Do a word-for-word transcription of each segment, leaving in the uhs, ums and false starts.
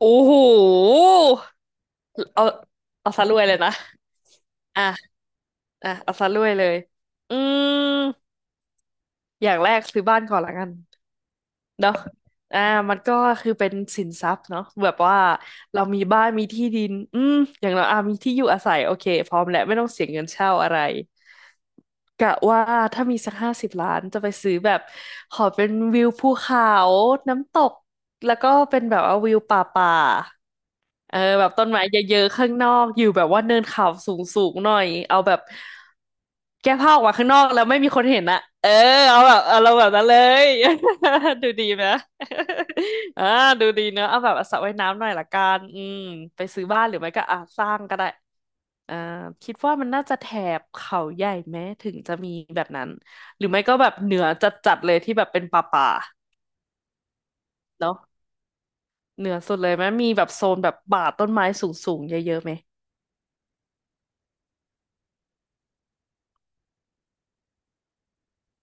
โอ้โหเอาเอาซะรวยเลยนะอ่ะอ่ะเอาซะรวยเลยอืมอย่างแรกซื้อบ้านก่อนละกันเนาะอ่ามันก็คือเป็นสินทรัพย์เนาะแบบว่าเรามีบ้านมีที่ดินอืมอย่างเราอ่ะมีที่อยู่อาศัยโอเคพร้อมแล้วไม่ต้องเสียเงินเช่าอะไรกะว่าถ้ามีสักห้าสิบล้านจะไปซื้อแบบขอเป็นวิวภูเขาน้ำตกแล้วก็เป็นแบบว่าวิวป่าป่า เออแบบต้นไม้เยอะๆข้างนอกอยู่แบบว่าเนินเขาสูงๆหน่อยเอาแบบแก้ผ้าออกมาข้างนอกแล้วไม่มีคนเห็นอะเออเอาแบบเอาเราแบบนั้นเลย ดูดีไหม อ่าดูดีเนอะเอาแบบสระว่ายน้ำหน่อยละกันอืมไปซื้อบ้านหรือไม่ก็อ่ะสร้างก็ได้อ่าคิดว่ามันน่าจะแถบเขาใหญ่ไหมถึงจะมีแบบนั้นหรือไม่ก็แบบเหนือจัดๆเลยที่แบบเป็นป่าๆเนาะเหนือสุดเลยไหมมีแบบโซนแบบป่าต้นไม้สูงๆเยอะๆไหม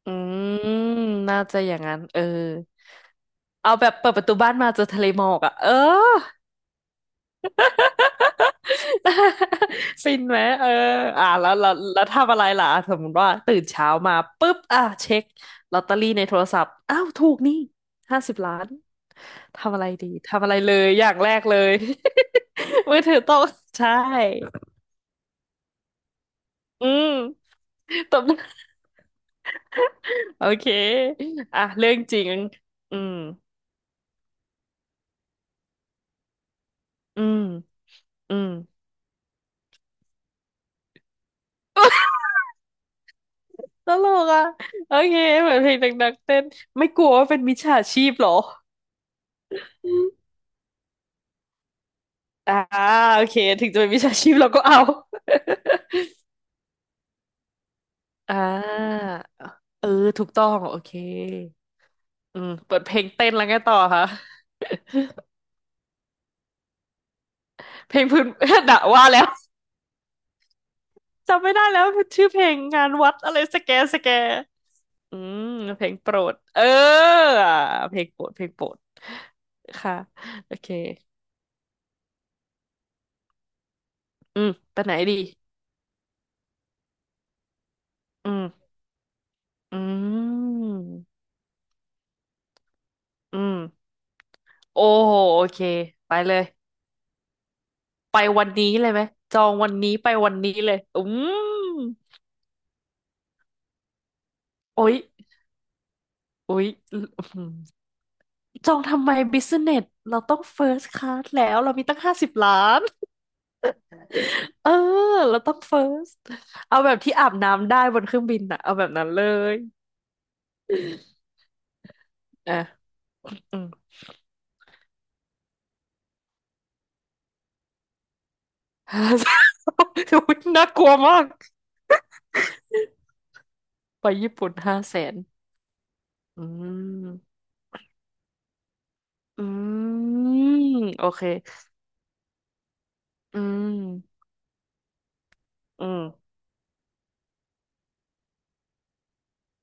อืมน่าจะอย่างนั้นเออเอาแบบเปิดประตูบ้านมาเจอทะเลหมอกอ่ะเออ ฟินไหมเอออ่ะแล้วแล้วแล้วทำอะไรล่ะอ่ะสมมติว่าตื่นเช้ามาปุ๊บอ่ะเช็คลอตเตอรี่ในโทรศัพท์อ้าวถูกนี่ห้าสิบล้านทำอะไรดีทำอะไรเลยอย่างแรกเลย มือถือตกใช่อืมตบ โอเคอ่ะเรื่องจริงอืมอืมอืม ตลกอ่ะโอเคเหมือนเพลงดังๆเต้นไม่กลัวว่าเป็นมิจฉาชีพเหรออ่าโอเคถึงจะเป็นมิจฉาชีพเราก็เอา อ่าเออถูกต้องโอเคอืมเปิดเพลงเต้นแล้วไงต่อคะเพลงพื้น ด่าว่าแล้วจำไม่ได้แล้วชื่อเพลงงานวัดอะไรสแกสแกอืมเพลงโปรดเอออ่ะเพลงโปรดเพลงโปรดค่ะโอเคอืมไปไหนดีอืมอืมอืม โอ้โหโอเคไปเลยไปวันนี้เลยไหมจองวันนี้ไปวันนี้เลยอืมโอ๊ยโอ๊ยอื้อหือจองทำไมบิสเนสเราต้องเฟิร์สคลาสแล้วเรามีตั้งห้าสิบล้าน เออเราต้องเฟิร์สเอาแบบที่อาบน้ำได้บนเครื่องบินอะเอาแบบนั้นเลยอ่ะอืม ห้าแสนอุ๊ยน่ากลัวมากไปญี่ปุ่นห้าแสนอืมอืมโอเคอืมอืม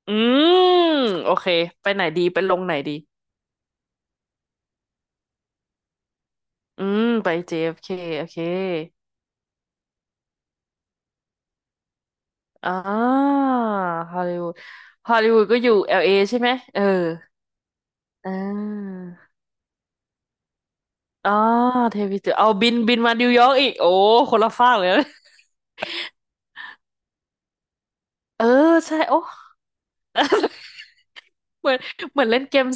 อืมโอเคไปไหนดีไปลงไหนดีอืมไป เจ เอฟ เค โอเคอ่าฮอลลีวูดฮอลลีวูดก็อยู่ แอล เอ ใช่ไหมเอออ่าอ๋อเทวีเจอเอาบินบินมานิวยอร์กอีกโอ้คนละฟากเลยนะเออใช่โอ้เหมือนเหมือนเล่นเกม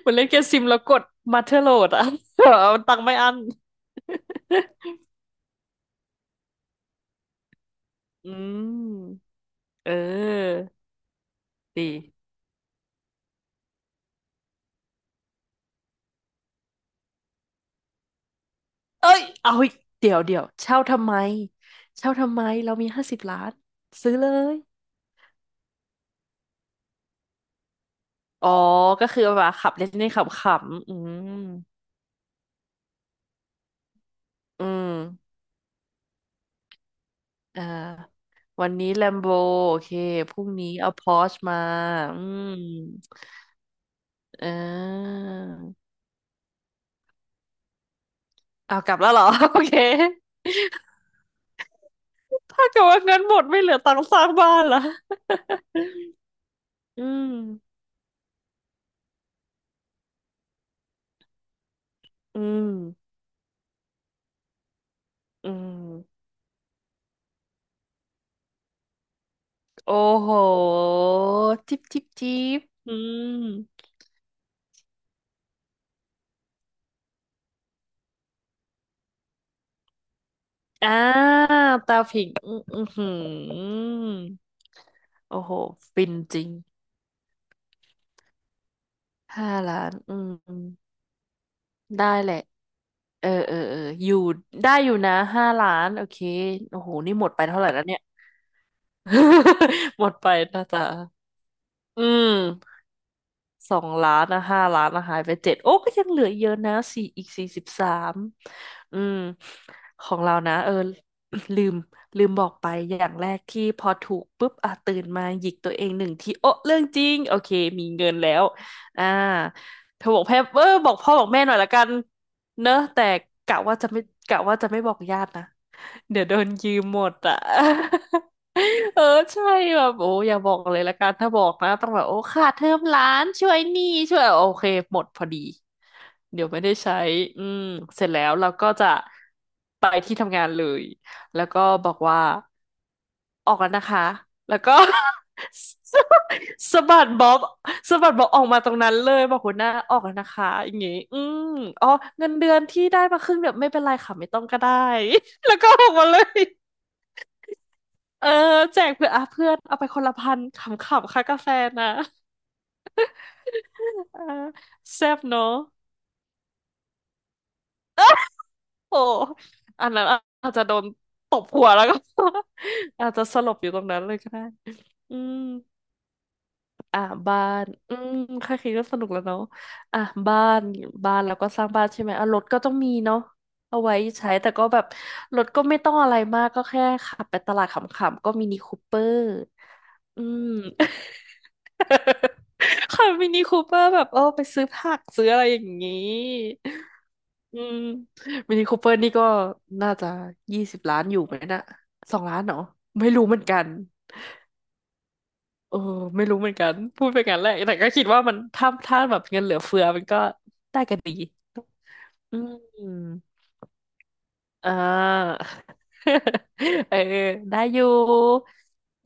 เหมือนเล่นเกมซิมแล้วกดมาเทอร์โหลดอะ เอาตังค์ไม่อั้นอืมเออดี เอ้ยเอาอีกเดี๋ยวเดี๋ยวเช่าทำไมเช่าทำไมเรามีห้าสิบล้านซื้อเลยอ๋อก็คือแบบขับเล่นๆขำๆอืมอืมอ่าวันนี้แลมโบโอเคพรุ่งนี้เอาพอร์ชมาอืมเออเอากลับแล้วเหรอ โอเคถ้าเกิดว่าเงินหมดไม่เหลือตังค์สร้างบ้านละอืมอืมอืมโอ้โหจิบจิบจิบอืม อ่าตาผิง อืออื้อหือโอ้โหฟินจริง ห้าล้าน อืมได้แหละเออเออ เออ อยู่ ได้อยู่นะ ห้าล้าน โอเค โอ้โห นี่หมดไปเท่าไหร่แล้วเนี่ย หมดไปนะจ๊ะอืม สองล้านนะห้าล้านนะหายไปเจ็ดโอ้ก็ยังเหลือเยอะนะสี่อีกสี่สิบสามอืมของเรานะเออ ลืมลืมบอกไปอย่างแรกที่พอถูกปุ๊บอ่ะตื่นมาหยิกตัวเองหนึ่งทีโอ้เรื่องจริงโอเคมีเงินแล้วอ่าเธอบอกแพ่เออบอกพ่อบอกแม่หน่อยละกันเนอะแต่กะว่าจะไม่กะว่าจะไม่บอกญาตินะ เดี๋ยวโดนยืมหมดอ่ะ เออใช่แบบโอ้อย่าบอกเลยละกันถ้าบอกนะต้องแบบโอ้ค่าเทอมหล้านช่วยหนี้ช่วยโอเคหมดพอดีเดี๋ยวไม่ได้ใช้อืมเสร็จแล้วเราก็จะไปที่ทำงานเลยแล้วก็บอกว่าออกแล้วนะคะแล้วก็ สะบัดบ๊อบสะบัดบ๊อบออกมาตรงนั้นเลยบอกหัวหน้าออกแล้วนะคะอย่างงี้อืมอ๋อเงินเดือนที่ได้มาครึ่งเดียวไม่เป็นไรค่ะไม่ต้องก็ได้ แล้วก็ออกมาเลย เออแจกเพื่อนอ่ะเพื่อนเอาไปคนละพันขำๆค่ากาแฟนะเออแซ่บเนอะโอ้อันนั้นอาจจะโดนตบหัวแล้วก็ อาจจะสลบอยู่ตรงนั้นเลยก็ได้อืมอ่ะบ้านอืมแค่คิดก็สนุกแล้วเนาะอ่ะบ้านบ้านแล้วก็สร้างบ้านใช่ไหมอ่ะรถก็ต้องมีเนาะเอาไว้ใช้แต่ก็แบบรถก็ไม่ต้องอะไรมากก็แค่ขับไปตลาดขำๆก็มินิคูเปอร์อืม ค่ะมินิคูเปอร์แบบเออไปซื้อผักซื้ออะไรอย่างนี้อืมมินิคูเปอร์นี่ก็น่าจะยี่สิบล้านอยู่ไหมนะสองล้านเหรอไม่รู้เหมือนกันเออไม่รู้เหมือนกันพูดไปงั้นแหละแต่ก็คิดว่ามันถ้าถ้าแบบเงินเหลือเฟือมันก็ได้กันดีอืมอ่า เออได้อยู่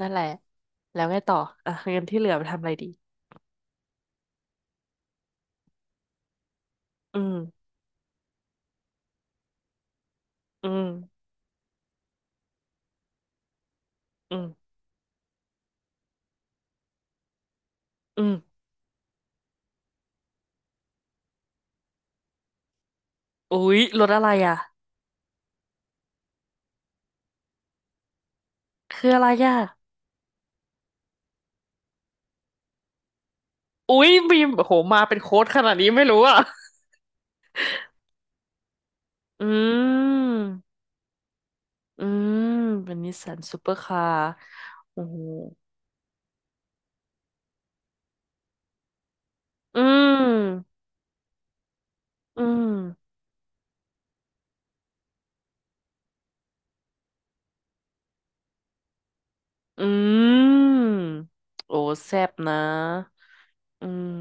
นั่นแหละแล้วไงต่ออ่ะเงินที่เหลือไปทำอะไรดีอืมอืมอืมอืม อุ๊ยรถอะไรอ่ะคืออะไรอ่ะอุ๊ยบีมโอ้โหมาเป็นโค้ดขนาดนี้ไม่รู้อ่ะอืมอืมเป็นนิสสันซูเปอร์คาร์โอ้โหอืมอืมอืมโอ้แซ่บนะอืม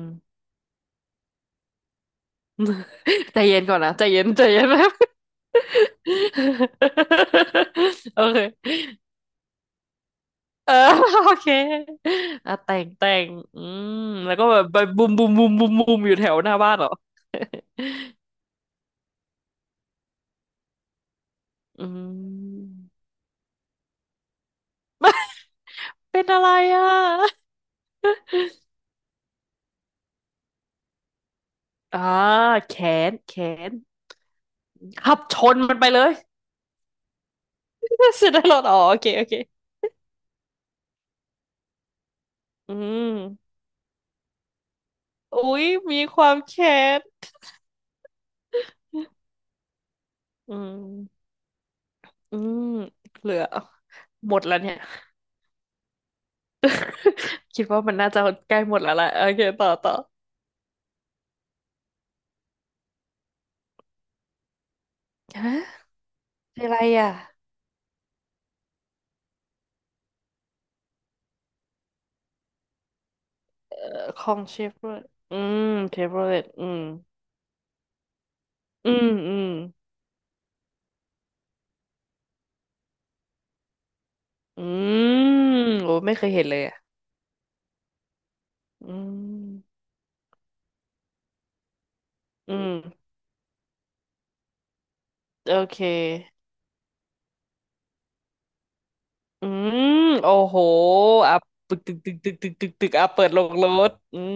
ใจเย็นก่อนนะใจเย็นใจเย็นนะ โอเค เออ โอเคอ่ะแต่งแต่งอืมแล้วก็แบบไปบุมบุมบุมบุมบุมอยู่แถวหน้าบ้านเหรอ อืมเป็นอะไรอ่ะอ่าแขนแขนขับชนมันไปเลย เสร็จแล้วเหรออ๋อโอเคโอเคอืมอุ๊ยมีความแค้นอืมอืมเหลือหมดแล้วเนี่ย คิดว่ามันน่าจะใกล้หมดแล้วแหละโอเคต่อต่อฮะเป็นอะไรอ่ะเอ่อของเชฟเวอร์อืมเชฟเวอร์อืม อืมอืมอืมโอ้ไม่เคยเห็นเลยอ่ะอืมอืมโอเคอืมโอ้โหอ่ะตึกตึกตึกตึกตึกตึกตึกอ่ะเปิดลงรถอืม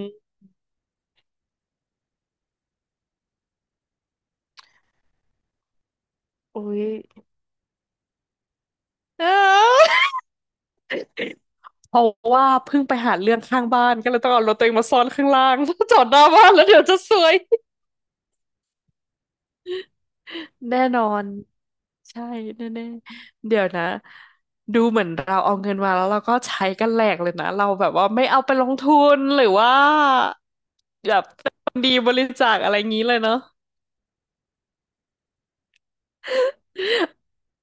อุ้ยอ้าวเพราะว่าเพิ่งไปหาเรื่องข้างบ้านก็เลยต้องเอารถตัวเองมาซ่อนข้างล่าง จอดหน้าบ้านแล้วเดี๋ยวจะซวยแน่นอนใช่แน่ๆเดี๋ยวนะดูเหมือนเราเอาเงินมาแล้วเราก็ใช้กันแหลกเลยนะเราแบบว่าไม่เอาไปลงทุนหรือว่า แบบ เป็นคนดีบริจาคอะไรงี้เลยเนาะ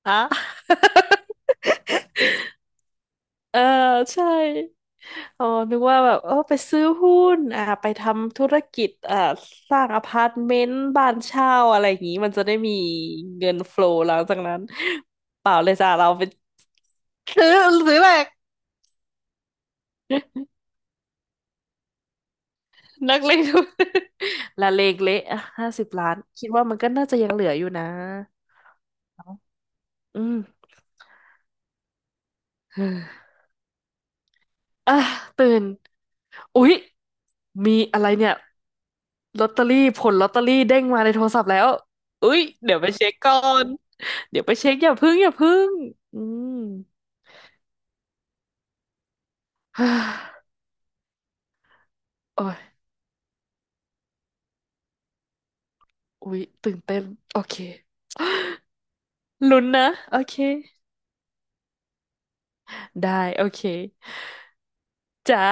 อะ เออใช่อ๋อนึกว่าแบบเออไปซื้อหุ้นอ่าไปทำธุรกิจอ่าสร้างอพาร์ตเมนต์บ้านเช่าอะไรอย่างนี้มันจะได้มีเงินโฟลว์หลังจากนั้นเปล่าเลยจ้ะเราไปซื้อซื้อแหลกนักเลงทุน ละเลงเละห้าสิบล้านคิดว่ามันก็น่าจะยังเหลืออยู่นะ อืม อ่ะตื่นอุ๊ยมีอะไรเนี่ย ลอตเตอรี่ผลลอตเตอรี่เด้งมาในโทรศัพท์แล้วอุ๊ยเดี๋ยวไปเช็คก่อนเดี๋ยวไปเช็คอย่าพึ่งอย่าพึ่งอืม ฮ่าโอ้ยอุ๊ยตื่นเต้นโอเคลุ้นนะโอเคได้โอเคจ้า